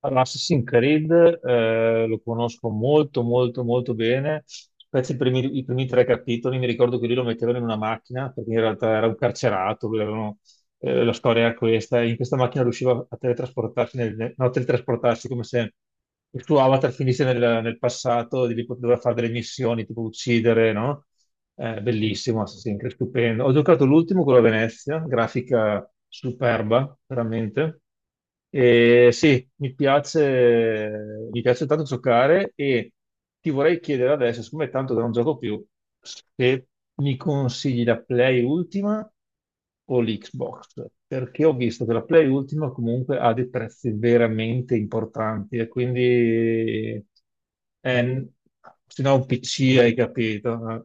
Allora, Assassin's Creed lo conosco molto molto molto bene, specie i primi tre capitoli. Mi ricordo che lui lo mettevano in una macchina perché in realtà era un carcerato, la storia era questa, e in questa macchina riusciva a teletrasportarsi, nel, no, a teletrasportarsi come se il suo avatar finisse nel passato, e di lì doveva fare delle missioni tipo uccidere, no? Bellissimo, Assassin's Creed, stupendo. Ho giocato l'ultimo, quello a Venezia, grafica superba, veramente. E sì, mi piace tanto giocare, e ti vorrei chiedere adesso, siccome è tanto che non gioco più, se mi consigli la Play Ultima o l'Xbox, perché ho visto che la Play Ultima comunque ha dei prezzi veramente importanti e quindi eh, se no un PC, hai capito. eh.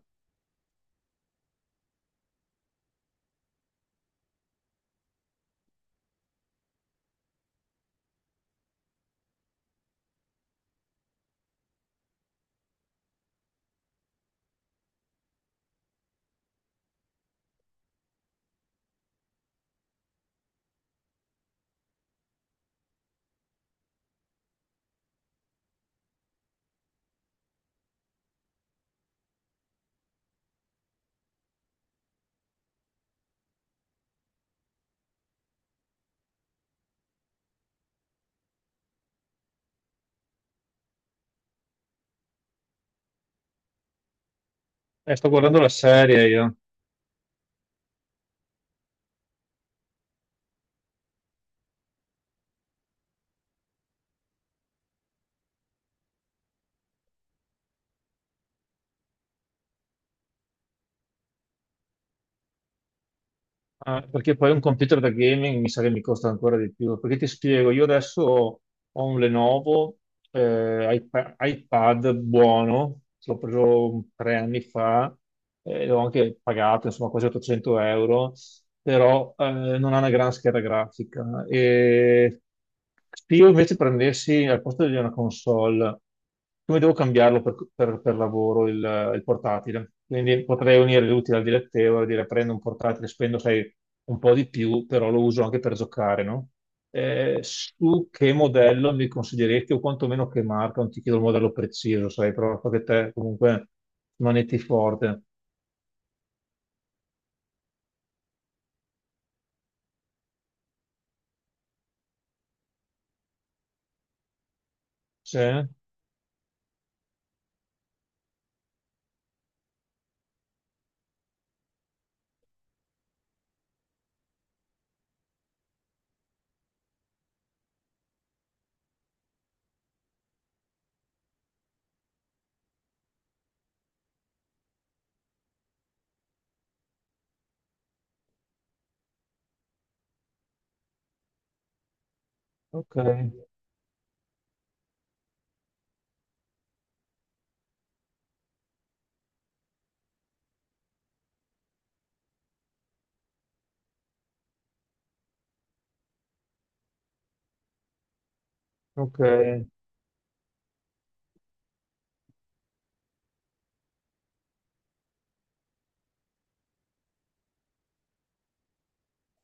Eh, sto guardando la serie io. Ah, perché poi un computer da gaming mi sa che mi costa ancora di più. Perché ti spiego, io adesso ho un Lenovo iPad buono, l'ho preso 3 anni fa, e l'ho anche pagato, insomma, quasi 800 euro. Però non ha una gran scheda grafica. E se io invece prendessi al posto di una console, come devo cambiarlo per lavoro il portatile? Quindi potrei unire l'utile al dilettevole, dire: prendo un portatile, spendo, sai, un po' di più, però lo uso anche per giocare, no? Su che modello mi consiglieresti o quantomeno che marca? Non ti chiedo il modello preciso, sai, però so che te comunque manetti forte. Sì? Ok, ok.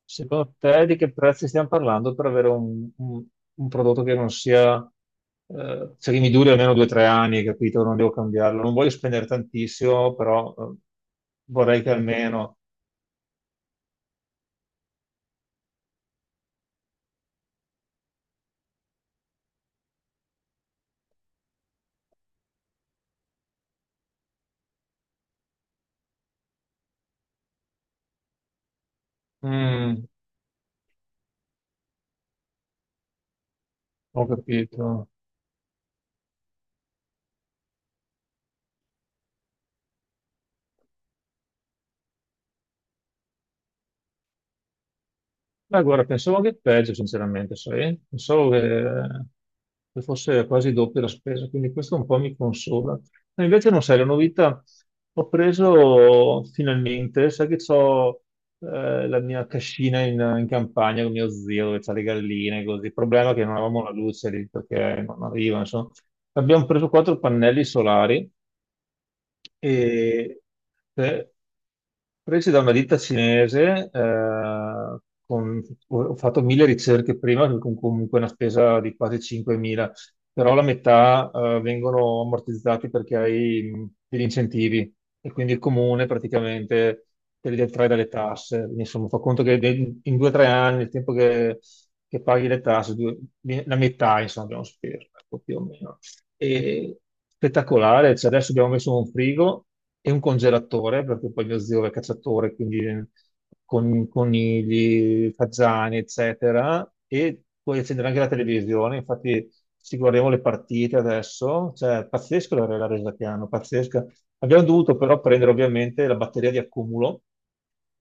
Secondo te di che prezzi stiamo parlando per avere un prodotto che non sia, cioè che mi duri almeno 2 o 3 anni, capito? Non devo cambiarlo. Non voglio spendere tantissimo, però vorrei che almeno... Mm, ho capito. Beh, guarda, pensavo che peggio, sinceramente, sai? Pensavo che fosse quasi doppia la spesa, quindi questo un po' mi consola. Ma invece non sai, la novità: ho preso finalmente, sai che ho la mia cascina in campagna con mio zio, dove c'ha le galline, così. Il problema è che non avevamo la luce lì, perché non arriva, insomma. Abbiamo preso quattro pannelli solari, e eh, presi da una ditta cinese, con- ho fatto mille ricerche prima, che con comunque una spesa di quasi 5.000, però la metà vengono ammortizzati perché hai degli incentivi, e quindi il comune praticamente te li detrae dalle tasse. Quindi, insomma, fa conto che in 2 o 3 anni, il tempo che paghi le tasse, la metà, insomma, abbiamo speso, ecco, più o meno. E spettacolare, cioè, adesso abbiamo messo un frigo e un congelatore, perché poi mio zio è cacciatore, quindi con conigli, fagiani, eccetera, e puoi accendere anche la televisione. Infatti ci guardiamo le partite adesso, cioè pazzesco la resa che hanno, pazzesca. Abbiamo dovuto però prendere ovviamente la batteria di accumulo,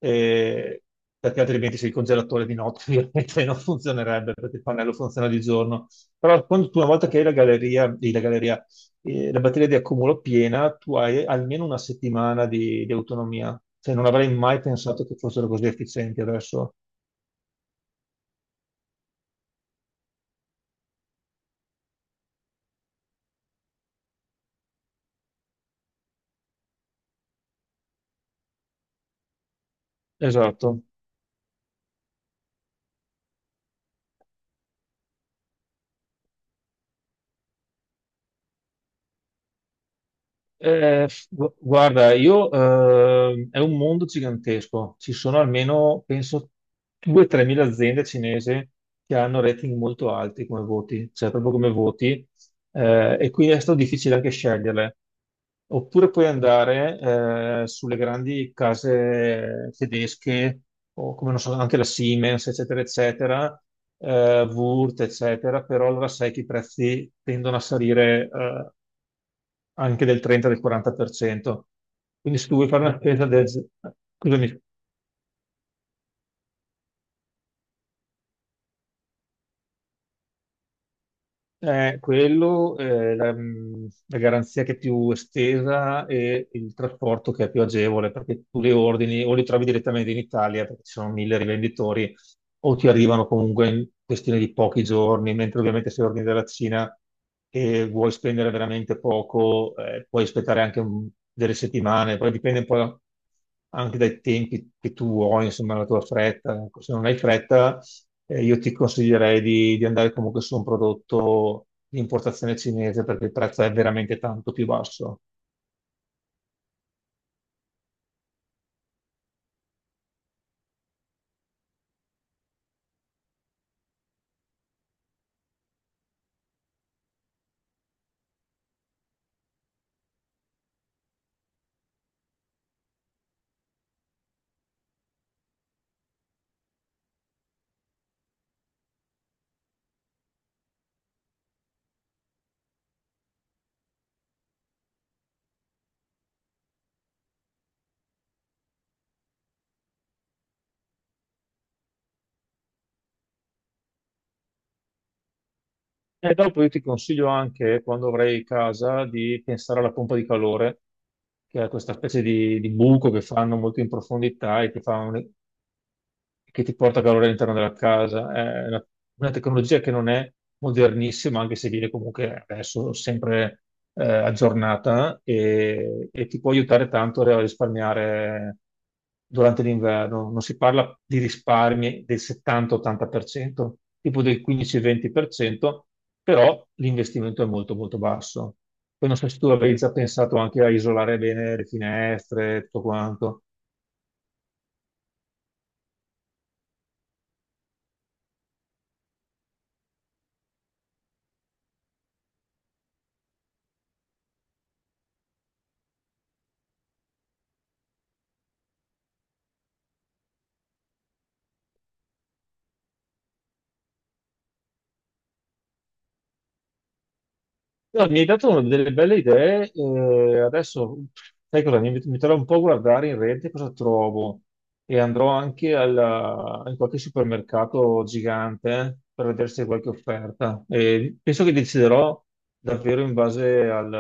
eh, perché altrimenti se il congelatore di notte ovviamente non funzionerebbe, perché il pannello funziona di giorno. Però quando tu, una volta che hai la galleria, la galleria, la batteria di accumulo piena, tu hai almeno una settimana di autonomia. Cioè, non avrei mai pensato che fossero così efficienti adesso. Esatto. Guarda, è un mondo gigantesco. Ci sono almeno, penso, 2-3 mila aziende cinesi che hanno rating molto alti come voti, cioè proprio come voti, e quindi è stato difficile anche sceglierle. Oppure puoi andare sulle grandi case tedesche, o, come non so, anche la Siemens, eccetera, eccetera, Wurth, eccetera, però allora sai che i prezzi tendono a salire anche del 30-40%. Quindi se tu vuoi fare una spesa del... Scusami. Quello, la garanzia che è più estesa e il trasporto che è più agevole, perché tu li ordini o li trovi direttamente in Italia, perché ci sono mille rivenditori, o ti arrivano comunque in questione di pochi giorni, mentre ovviamente se ordini dalla Cina e vuoi spendere veramente poco, puoi aspettare anche delle settimane, poi dipende un po' anche dai tempi che tu vuoi, insomma, la tua fretta. Ecco, se non hai fretta, io ti consiglierei di andare comunque su un prodotto di importazione cinese, perché il prezzo è veramente tanto più basso. E dopo io ti consiglio anche, quando avrai casa, di pensare alla pompa di calore, che è questa specie di buco che fanno molto in profondità e che ti porta calore all'interno della casa. È una tecnologia che non è modernissima, anche se viene comunque adesso sempre aggiornata, e ti può aiutare tanto a risparmiare durante l'inverno. Non si parla di risparmi del 70-80%, tipo del 15-20%, però l'investimento è molto molto basso. Poi non so se tu avevi già pensato anche a isolare bene le finestre e tutto quanto. No, mi hai dato delle belle idee, adesso sai cosa? Mi metterò un po' a guardare in rete cosa trovo, e andrò anche in qualche supermercato gigante per vedere se c'è qualche offerta. E penso che deciderò davvero in base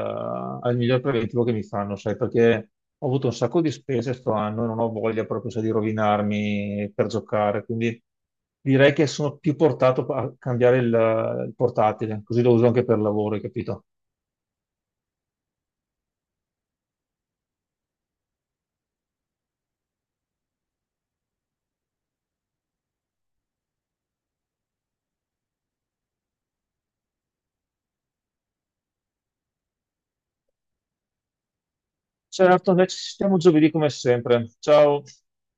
al miglior preventivo che mi fanno, sai, perché ho avuto un sacco di spese sto anno e non ho voglia, proprio sai, di rovinarmi per giocare, quindi direi che sono più portato a cambiare il portatile, così lo uso anche per lavoro, hai capito? Certo, noi ci sentiamo giovedì come sempre. Ciao.